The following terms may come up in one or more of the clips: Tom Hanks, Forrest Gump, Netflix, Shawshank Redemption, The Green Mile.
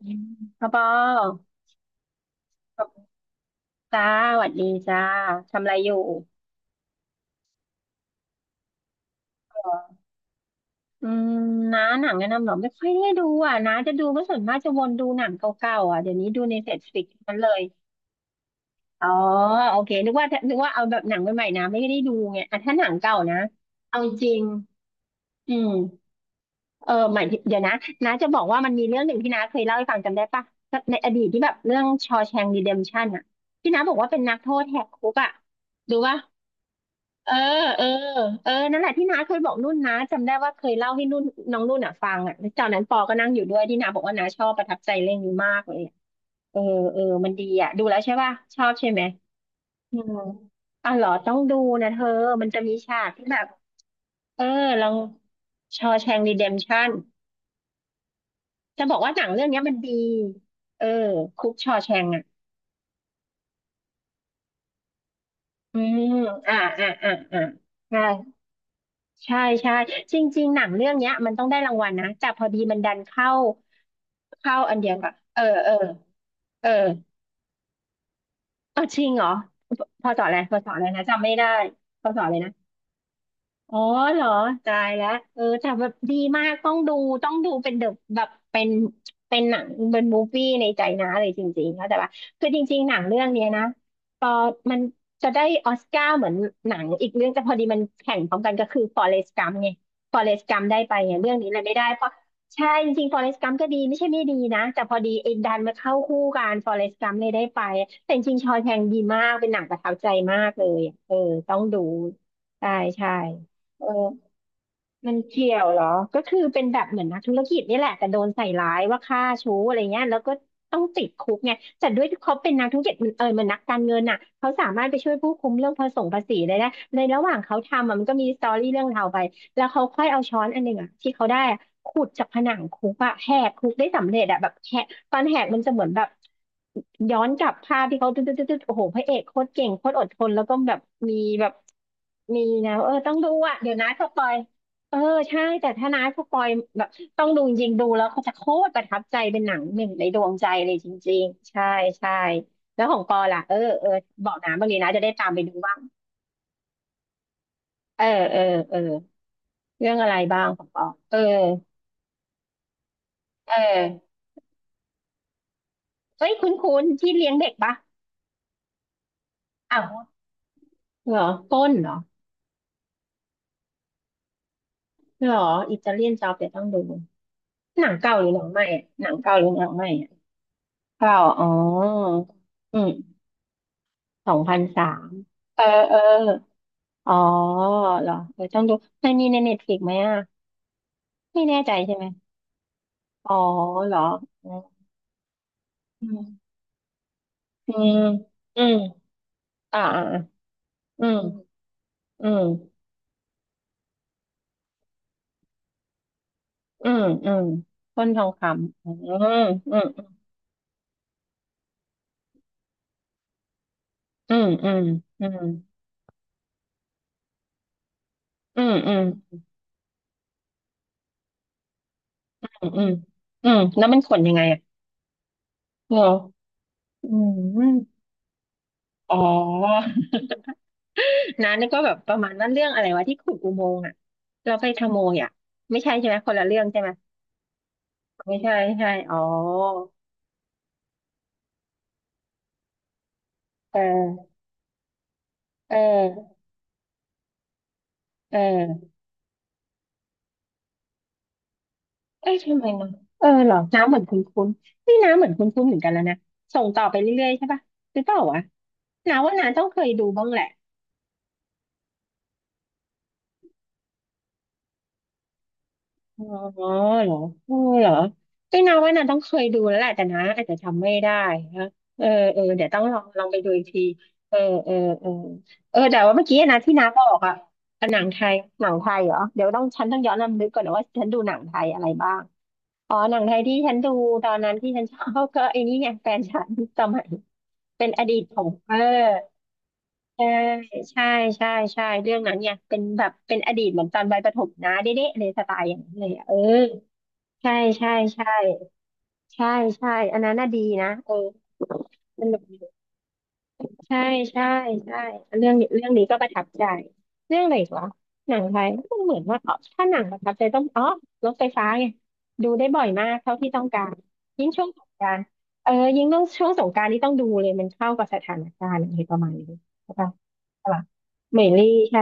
อืมพ่อปอจ้าสวัสดีจ้าทำอะไรอยู่อืมน้าหนังแนะนำเหรอไม่ค่อยได้ดูอ่ะน้าจะดูก็ส่วนมากจะวนดูหนังเก่าๆอ่ะเดี๋ยวนี้ดูในเน็ตฟลิกมันเลยอ๋อโอเคนึกว่าเอาแบบหนังใหม่ๆนะไม่ได้ดูไงอ่ะถ้าหนังเก่านะ เอาจริงอืมเออหมายถึงเดี๋ยวนะ น้าจะบอกว่ามันมีเรื่องหนึ่งที่น้าเคยเล่าให้ฟังจำได้ปะในอดีตที่แบบเรื่องชอแชงรีเดมชั่นอ่ะที่น้าบอกว่าเป็นนักโทษแหกคุกอ่ะดูปะ เออเออเออนั่นแหละที่น้าเคยบอกนุ่นนะจำได้ว่าเคยเล่าให้นุ่นน้องนุ่นอ่ะฟังอ่ะแล้วตอนนั้นปอก็นั่งอยู่ด้วยที่น้าบอกว่าน้าชอบประทับใจเรื่องนี้มากเลยอะเออเออมันดีอ่ะดูแล้วใช่ป่ะชอบใช่ไหมอืมอ๋อเหรอต้องดูนะเธอมันจะมีฉากที่แบบเออลองชอแชงรีเดมชั่นจะบอกว่าหนังเรื่องเนี้ยมันดีเออคุกชอแชงอ่ะอืมอ่าอ่าอ่าอ่าใช่ ใช่ใช่จริงๆหนังเรื่องเนี้ยมันต้องได้รางวัลนะแต่พอดีมันดันเข้าอันเดียวกับเออเออเออเออจริงเหรอพพอสออะไรนะจำไม่ได้พอสออะไรนะ อ๋อเหรอตายแล้วเออแต่แบบดีมาก ต้องดูต้องดูเป็นเดอะแบบเป็นเป็นหนังเป็นมูฟวี่ในใจนะเลยจริงๆเข้าใจปะคือจริงๆหนังเรื่องเนี้ยนะพอมันจะได้ออสการ์เหมือนหนังอีกเรื่องแต่พอดีมันแข่งพร้อมกันก็คือฟอเรสต์กัมไงฟอเรสต์กัมได้ไปไงเรื่องนี้เลยไม่ได้เพราะใช่จริงๆฟอเรสต์กัมก็ดีไม่ใช่ไม่ดีนะแต่พอดีไอ้ดันมาเข้าคู่กันฟอเรสต์กัมเลยได้ไปแต่จริงๆชอว์แชงก์ดีมาก เป็นหนังประทับใจมากเลยเออต้องดูใช่ใช่ เออ มันเกี่ยวเหรอก็คือเป็นแบบเหมือนนักธุรกิจนี่แหละแต่โดนใส่ร้ายว่าฆ่าชู้อะไรเงี้ยแล้วก็ต้องติดคุกไงแต่ด้วยที่เขาเป็นนักธุรกิจมันเออมันนักการเงินน่ะเขาสามารถไปช่วยผู้คุมเรื่องภาษีได้นะในระหว่างเขาทำอะมันก็มีสตอรี่เรื่องราวไปแล้วเขาค่อยเอาช้อนอันหนึ่งอ่ะที่เขาได้อะขุดจากผนังคุกอะแหกคุกได้สำเร็จอะแบบแหกตอนแหกมันจะเหมือนแบบย้อนกลับภาพที่เขาตึ๊ดตึ๊ดตึ๊ดตึ๊ดโอ้โหพระเอกโคตรเก่งโคตรอดทนแล้วก็แบบมีแบบมีนะเออต้องดูอ่ะเดี๋ยวนะสปอย เออใช่แต่ถ้าน้าผู้ปอยแบบต้องดูจริงๆดูแล้วเขาจะโคตรประทับใจเป็นหนังหนึ่งในดวงใจเลยจริงๆใช่ใช่แล้วของปอล่ะเออเออบอกน้าบ้างดีนะจะได้ตามไปดูบ้างเออเออเออเรื่องอะไรบ้างของปอเออเออเฮ้ยคุ้นๆที่เลี้ยงเด็กปะอ้าวเหรอต้นเหรอเหรออิตาเลียนจ็อบเดี๋ยวต้องดูหนังเก่าหรือหนังใหม่อะหนังเก่าหรือหนังใหม่อะเก่าอ๋ออืม2003เออเออ อ๋อเหรอเออต้องดูมันมีในเน็ตฟลิกไหมอ่ะไม่แน่ใจใช่ไหมอ๋อเหรออืมอืมอืมอ่าอ่าออืมอืมอืมอืมต้นทองคำอืมอืมอืมอืมอืมอืมอืมอืมอืมอืมแล้วมันขนยังไงอ่ะเหรออืมอ๋อนะนี่ก็แบบประมาณนั้นเรื่องอะไรวะที่ขุดอุโมงค์อ่ะเราไปขโมยอ่ะไม่ใช่ใช่ไหมคนละเรื่องใช่ไหมไม่ใช่ไม่ใช่อ๋อเออ เออเออ เอ้ยทำไมเนาะเออเหรอน้ำเหมือนคุ้นคุ้นนี่น้ำเหมือนคุ้นคุ้นเหมือนกันแล้วนะ ส่งต่อไปเรื่อยๆใช่ปะหรือเปล่าวะน้าว่าน้าต้องเคยดูบ้างแหละ อ๋อเหรอเออเหรอไม่นาว่านาต้องเคยดูแล้วแหละแต่นะอาจจะจำไม่ได้นะเออเออเดี๋ยวต้องลองไปดูอีกทีเออเออเออเออแต่ว่าเมื่อกี้นะที่นาบอกอะหนังไทยหนังไทยเหรอเดี๋ยวต้องฉันต้องย้อนรำลึกก่อนนะว่าฉันดูหนังไทยอะไรบ้างอ๋อหนังไทยที่ฉันดูตอนนั้นที่ฉันชอบ ก็ไอ้นี่ไงแฟนฉันสมัยเป็นอดีตของเออ ใช่ใช่ใช่ใช่เรื่องนั้นเนี่ยเป็นแบบเป็นอดีตเหมือนตอนวัยประถมนะเด๊ะๆเลยสไตล์อย่างนั้นเลยอะเออใช่ใช่ใช่ใช่ใช่อันนั้นน่ะดีนะเออสนุก ใช่ใช่ใช่เรื่องนี้เรื่องนี้ก็ประทับใจเรื่องอะไรอีกวะหนังไทยมันเหมือนว่าอ๋อถ้าหนังประทับใจต้องอ๋อรถไฟฟ้าไงดูได้บ่อยมากเท่าที่ต้องการยิ่งช่วงสงกรานต์เออยิ่งต้องช่วงสงกรานต์นี่ต้องดูเลยมันเข้ากับสถานการณ์อะไรประมาณนี้ใช่ปะใช่ปะเหมยลี่ใช่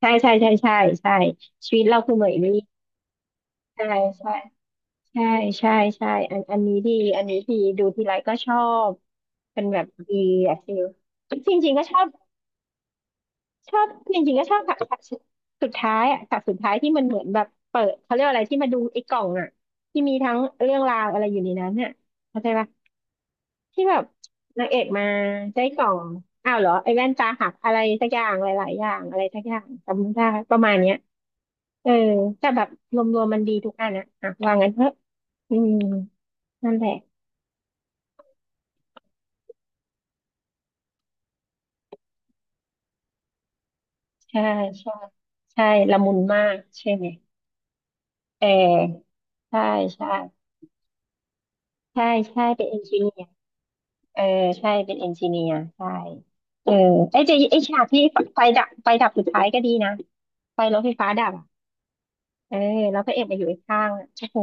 ใช่ใช่ใช่ใช่ใช่ชีวิตเราคือเหมยลี่ใช่ใช่ใช่ใช่ใช่อันอันนี้ดีอันนี้ดีดูทีไรก็ชอบเป็นแบบดีอะฟิลจริงๆก็ชอบ ชอบจริงๆก็ชอบฉากฉากสุดท้ายอะฉากสุดท้ายที่มันเหมือนแบบเปิดเขาเรียกอะไรที่มาดูไอ้กล่องอ่ะที่มีทั้งเรื่องราวอะไรอยู่ในนั้นเนี่ยเข้าใจปะที่แบบนางเอกมาได้กล่องอ้าวเหรอไอ้แว่นตาหักอะไรสักอย่างหลายๆอย่างอะไรสักอย่างจำไม่ได้ประมาณเนี้ยเออแต่แบบรวมๆมันดีทุกอันอะอ่ะว่างั้นเถอะอืมนั่นแหละใช่ใช่ใช่ละมุนมากใช่ไหมเออใช่ใช่ใช่ใช่เป็นเอนจิเนีย เออใช่เป็นเอนจิเนียร์ใช่เออไอ้ฉากที่ไฟดับไฟดับสุดท้ายก็ดีนะไฟรถไฟฟ้าดับอะเออแล้วพระเอกมาอยู่ข้างๆอะโอ้โห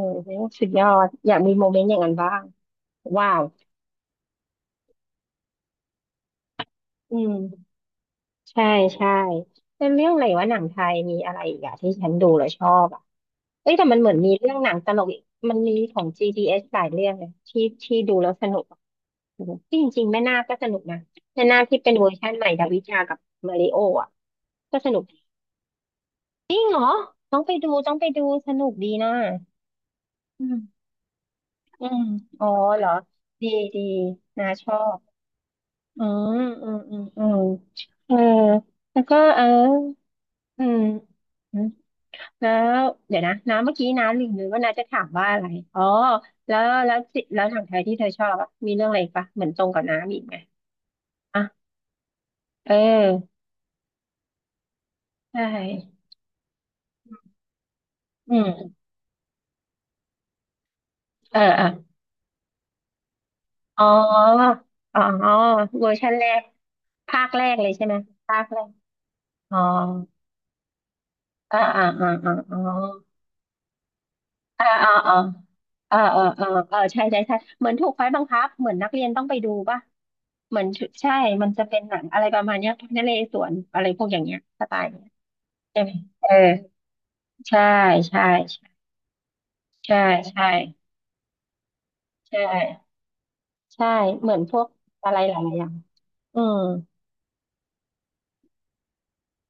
สุดยอดอยากมีโมเมนต์อย่างนั้นบ้างว้าวอืมใช่ใช่เป็นเรื่องอะไรวะหนังไทยมีอะไรอีกอะที่ฉันดูแล้วชอบอะ เอ้ยแต่มันเหมือนมีเรื่องหนังตลกอีกมันมีของ GDS หลายเรื่องเลยที่ดูแล้วสนุกอะที่จริงๆแม่นาคก็สนุกนะแม่นาคที่เป็นเวอร์ชันใหม่ดาวิชากับมาริโออ่ะก็สนุกจริงเหรอต้องไปดูต้องไปดูสนุกดีนะอืมอืมอ๋อเหรอดีดีนาชอบอืมอืมอืมอืมเออแล้วก็เอออืม แล้วเดี๋ยวนะน้าเมื่อกี้น้าลืมเลยว่าน้าจะถามว่าอะไรอ๋อแล้วแล้วจิแล้วหนังไทยที่เธอชอบอะมีเรื่องอะไรอีกปะเหมือนตรงกับน้ามีอีกไหมอ่ะเออใช่อืมเออเอออ๋ออ๋อเวอร์ชันแรกภาคแรกเลยใช่ไหมภาคแรกอ๋ออ่าอ่าอ่าอ่าอ๋อ อ่าอ่าอ่าอ่าอ่าอ่าอ่าใช่ใช่ใช่เหมือนถูกไฟบังคับเหมือนนักเรียนต้องไปดูป่ะเหมือนใช่ มันจะเป็นหนังอะไรประมาณเนี้ยพนเรศวรอะไรพวกอย่างเงี้ยสไตล์เนี้ยใช่ไหมเออใช่ใช่ใช่ใช่ใช่ใช่เหมือนพวกอะไรหลายๆอย่างอืม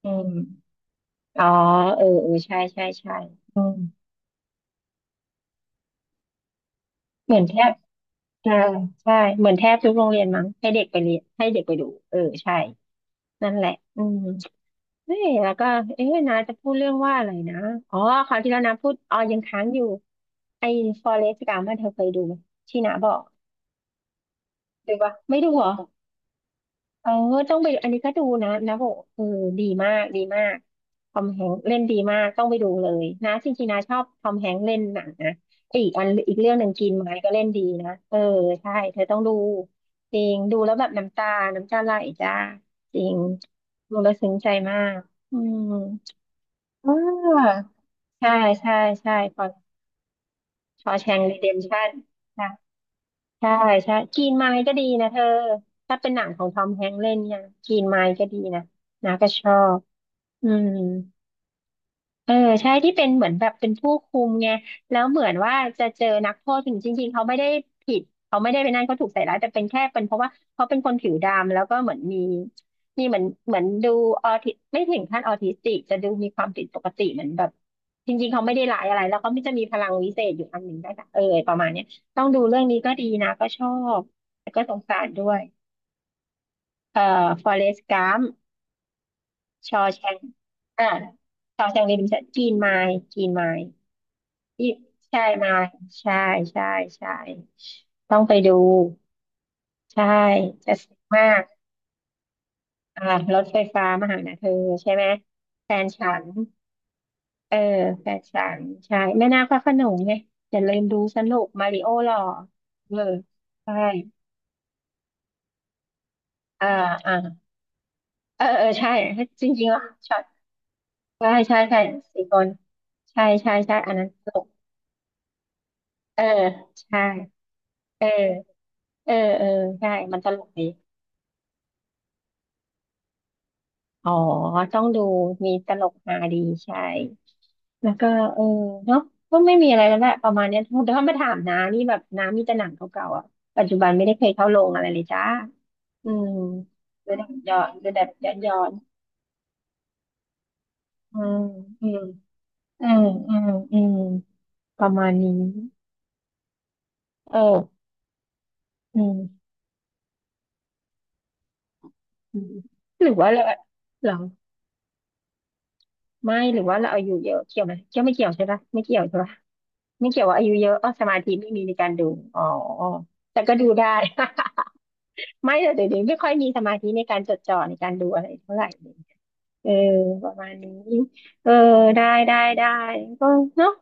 อืมอ๋อเออเออใช่ใช่ใช่อืมเหมือนแทบใช่ใช่เหมือนแทบทุกโรงเรียนมั้งให้เด็กไปเรียนให้เด็กไปดูเออใช่นั่นแหละอืม เอ๊ะแล้วก็เอ๊ะนาจะพูดเรื่องว่าอะไรนะอ๋อคราวที่แล้วนาพูดอ๋อยังค้างอยู่ไอ้ Forrest Gump อะเธอเคยดูไหมที่นาบอกดูปะไม่ดูเหรอเออต้องไปดูอันนี้ก็ดูนะนะบอกเออดีมากดีมากทอมแฮงค์เล่นดีมากต้องไปดูเลยนะจริงๆนาชอบทอมแฮงค์เล่นหนังนะไอ้อีกอันอีกเรื่องหนึ่งกินไม้ก็เล่นดีนะเออใช่เธอต้องดูจริงดูแล้วแบบน้ำตาน้ำตาไหลจ้าจริงดูแล้วซึ้งใจมากอืมอ่า ใช่ใช่ใช่พอชอแชงรีเดมชั่นค่ะใช่ใช่กรีนไมล์ก็ดีนะเธอ ถ้าเป็นหนังของทอมแฮงค์เล่นเนี่ยกรีนไมล์ก็ดีนะนะก็ชอบอืม เออใช่ที่เป็นเหมือนแบบเป็นผู้คุมไงแล้วเหมือนว่าจะเจอนักโทษถึงจริงๆเขาไม่ได้ผิดเขาไม่ได้เป็นนั่นเขาถูกใส่ร้ายแต่เป็นแค่เป็นเพราะว่าเขาเป็นคนผิวดำแล้วก็เหมือนมีมีเหมือนเหมือนดูออทิไม่ถึงขั้นออทิสติกจะดูมีความผิดปกติเหมือนแบบจริงๆเขาไม่ได้ร้ายอะไรแล้วเขาไม่จะมีพลังวิเศษอยู่อันหนึ่งได้ค่ะเออประมาณเนี้ยต้องดูเรื่องนี้ก็ดีนะก็ชอบแต่ก็สงสารด้วยเอ่อฟอเรสต์กัมชอแชงอ่าชอแชงรีเดมชั่นกรีนไมล์กรีนไมล์ อีฟใช่มายใช่ใช่ใช่ต้องไปดูใช่จะสนุกมากอ่ารถไฟฟ้ามาหานะเธอใช่ไหมแฟนฉันเออแฟนฉันใช่แม่นาคพระโขนงไงอย่าลืมดูสนุกมาริโอหล่อเออใช่อ่าอ่าเออเออใช่จริงๆอ่ะช็อตใช่ใช่ใช่สี่คนใช่ใช่ใช่อันนั้นตลกเออใช่เออเออเออใช่มันตลกดี อ๋อ ต้องดูมีตลกฮาดีใช่ แล้วก็เออเนาะก็ไม่มีอะไรแล้วแหละประมาณเนี้ยแต่ถ้ามาถามน้านี่แบบน้ามีแต่หนังเก่าๆอ่ะปัจจุบันไม่ได้เคยเข้าโรงอะไรเลยจ้าอืมดูแบบย้อนดูแบบย้อนย้อนอืมอืมอืมอืมอืมประมาณนี้เอออืมอืมหรือว่าเราเหรอไม่หรือว่าเราอายุเยอะเกี่ยวไหมเกี่ยวไม่เกี่ยวใช่ปะไม่เกี่ยวใช่ปะ ไม่เกี่ยวว่าอายุเยอะอ๋อสมาธิไม่มีในการดูอ๋อแต่ก็ดูได้ ไม่แต่เดี๋ยวนี้ไม่ค่อยมีสมาธิในการจดจ่อในการดูอะไรเท่าไหร่เลยเออประมาณนี้เออได้ได้ได้ก็เนาะ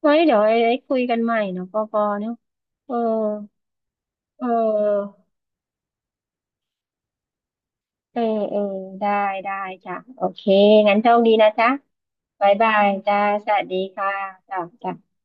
ไว้เดี๋ยวไอ้คุยกันใหม่เนาะปอปอเนาะเออเออเออเออได้ได้จ้ะโอเคงั้นโชคดีนะจ๊ะบายบายจ้าสวัสดีค่ะจ้ะจ้ะ